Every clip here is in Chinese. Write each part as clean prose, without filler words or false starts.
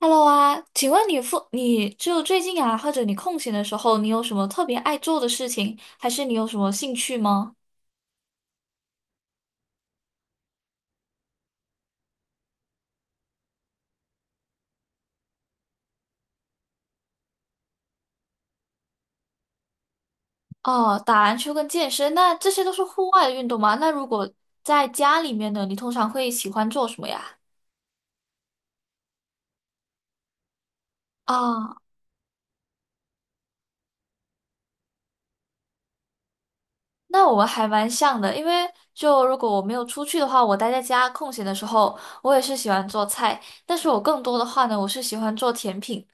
Hello 啊，请问你就最近啊，或者你空闲的时候，你有什么特别爱做的事情，还是你有什么兴趣吗？哦，打篮球跟健身，那这些都是户外的运动吗？那如果在家里面呢，你通常会喜欢做什么呀？啊，那我们还蛮像的，因为就如果我没有出去的话，我待在家空闲的时候，我也是喜欢做菜，但是我更多的话呢，我是喜欢做甜品。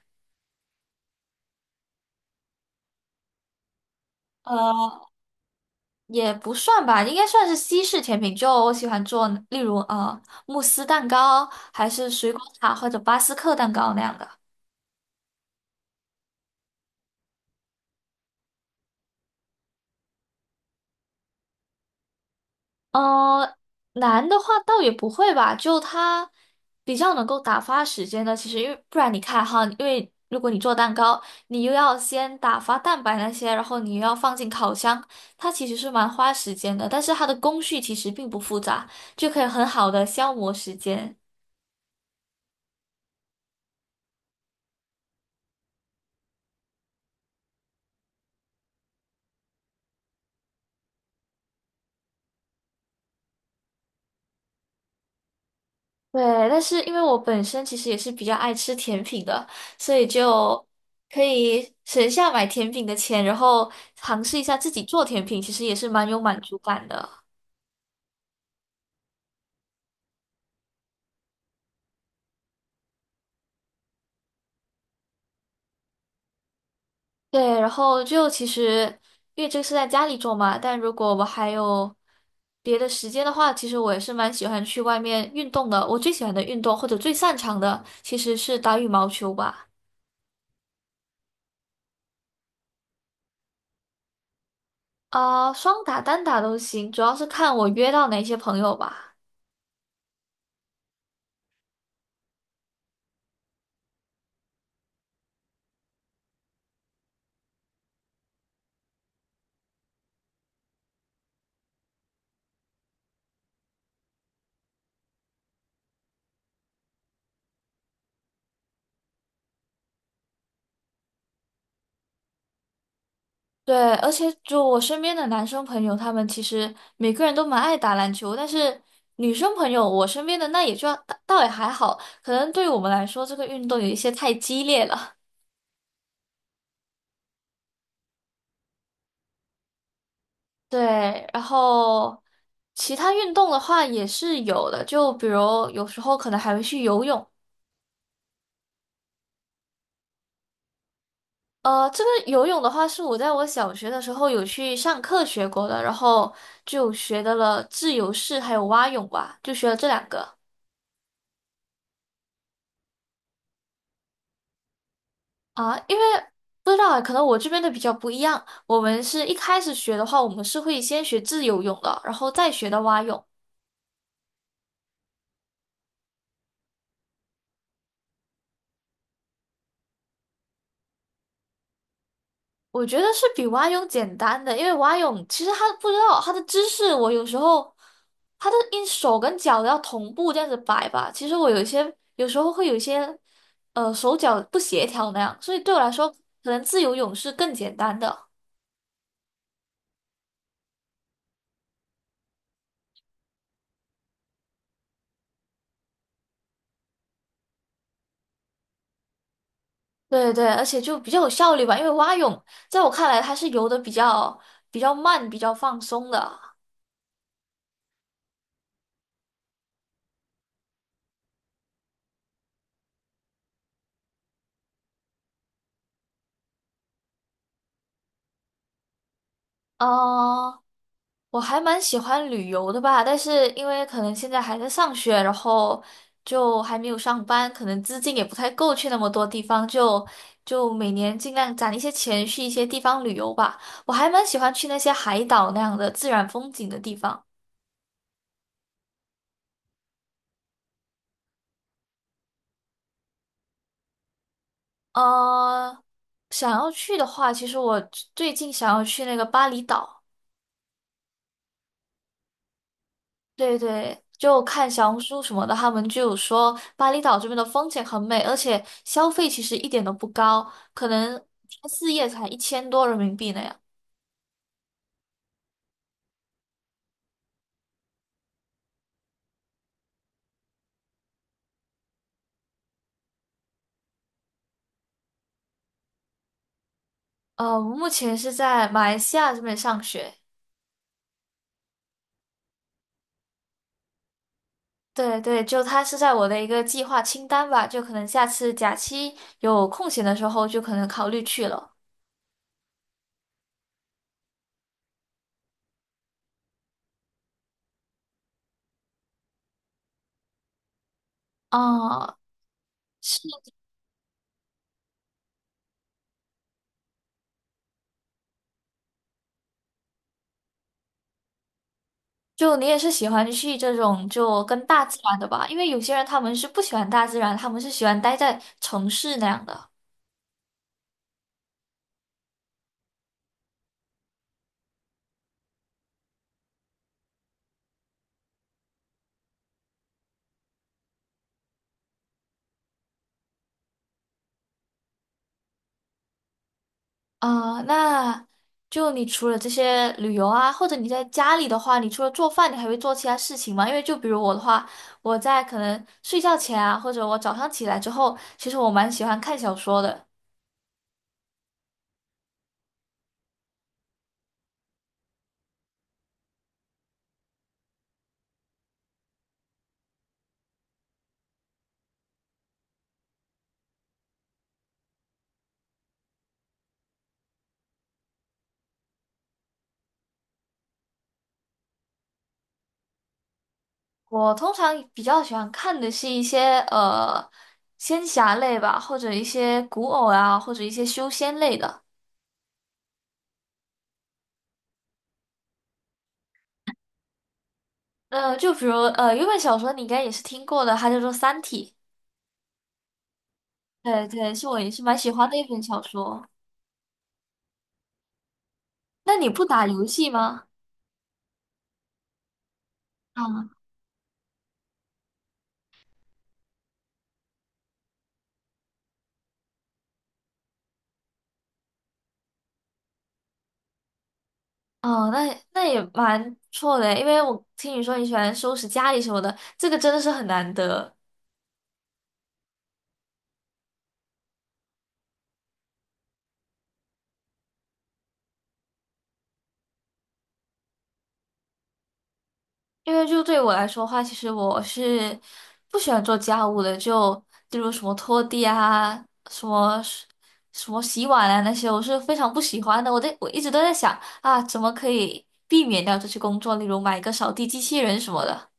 呃。也不算吧，应该算是西式甜品。就我喜欢做，例如慕斯蛋糕，还是水果塔或者巴斯克蛋糕那样的。呃，难的话倒也不会吧，就它比较能够打发时间的。其实因为不然你看哈，因为如果你做蛋糕，你又要先打发蛋白那些，然后你又要放进烤箱，它其实是蛮花时间的。但是它的工序其实并不复杂，就可以很好的消磨时间。对，但是因为我本身其实也是比较爱吃甜品的，所以就可以省下买甜品的钱，然后尝试一下自己做甜品，其实也是蛮有满足感的。对，然后就其实因为这个是在家里做嘛，但如果我还有别的时间的话，其实我也是蛮喜欢去外面运动的。我最喜欢的运动或者最擅长的其实是打羽毛球吧。啊、双打、单打都行，主要是看我约到哪些朋友吧。对，而且就我身边的男生朋友，他们其实每个人都蛮爱打篮球，但是女生朋友，我身边的那也就倒也还好，可能对我们来说，这个运动有一些太激烈了。对，然后其他运动的话也是有的，就比如有时候可能还会去游泳。这个游泳的话，是我在我小学的时候有去上课学过的，然后就学的了自由式还有蛙泳吧，就学了这两个。啊，因为不知道啊，可能我这边的比较不一样。我们是一开始学的话，我们是会先学自由泳的，然后再学的蛙泳。我觉得是比蛙泳简单的，因为蛙泳其实它不知道它的姿势，我有时候它的因手跟脚要同步这样子摆吧。其实我有一些有时候会有一些手脚不协调那样，所以对我来说，可能自由泳是更简单的。对对，而且就比较有效率吧，因为蛙泳在我看来它是游的比较慢、比较放松的。嗯，我还蛮喜欢旅游的吧，但是因为可能现在还在上学，然后就还没有上班，可能资金也不太够去那么多地方，就每年尽量攒一些钱去一些地方旅游吧。我还蛮喜欢去那些海岛那样的自然风景的地方。呃，想要去的话，其实我最近想要去那个巴厘岛。对对，就看小红书什么的，他们就有说巴厘岛这边的风景很美，而且消费其实一点都不高，可能4夜才1000多人民币那样。我目前是在马来西亚这边上学。对对，就它是在我的一个计划清单吧，就可能下次假期有空闲的时候，就可能考虑去了。啊、是，就你也是喜欢去这种就跟大自然的吧？因为有些人他们是不喜欢大自然，他们是喜欢待在城市那样的。啊，那就你除了这些旅游啊，或者你在家里的话，你除了做饭，你还会做其他事情吗？因为就比如我的话，我在可能睡觉前啊，或者我早上起来之后，其实我蛮喜欢看小说的。我通常比较喜欢看的是一些仙侠类吧，或者一些古偶啊，或者一些修仙类的。就比如有一本小说你应该也是听过的，它叫做《三体》。对对，是我也是蛮喜欢的一本小说。那你不打游戏吗？哦，那也蛮不错的，因为我听你说你喜欢收拾家里什么的，这个真的是很难得。因为就对我来说的话，其实我是不喜欢做家务的，就例如什么拖地啊，什么什么洗碗啊那些，我是非常不喜欢的。我在我一直都在想啊，怎么可以避免掉这些工作，例如买一个扫地机器人什么的。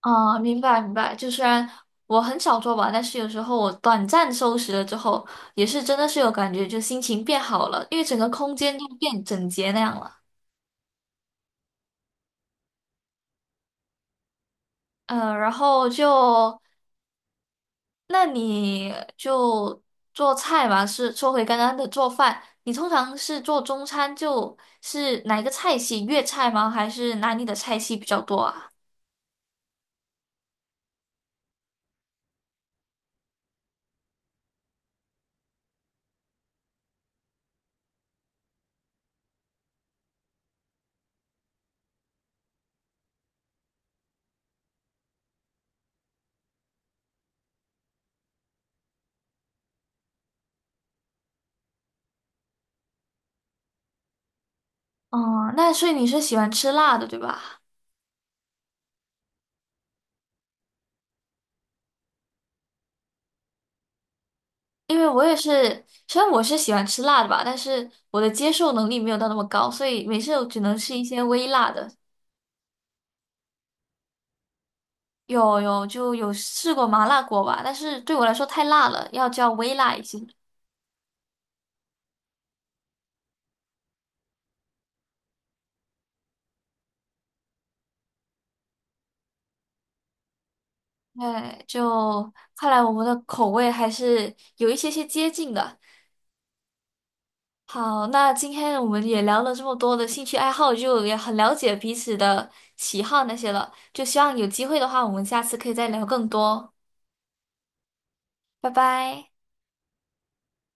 啊，明白明白。就虽然我很少做吧，但是有时候我短暂收拾了之后，也是真的是有感觉，就心情变好了，因为整个空间就变整洁那样了。嗯，然后就那你就做菜嘛，是说回刚刚的做饭，你通常是做中餐，就是哪一个菜系？粤菜吗？还是哪里的菜系比较多啊？哦、那所以你是喜欢吃辣的，对吧？因为我也是，虽然我是喜欢吃辣的吧，但是我的接受能力没有到那么高，所以每次我只能吃一些微辣的。有试过麻辣锅吧，但是对我来说太辣了，要叫微辣一些。对，就看来我们的口味还是有一些些接近的。好，那今天我们也聊了这么多的兴趣爱好，就也很了解彼此的喜好那些了。就希望有机会的话，我们下次可以再聊更多。拜拜。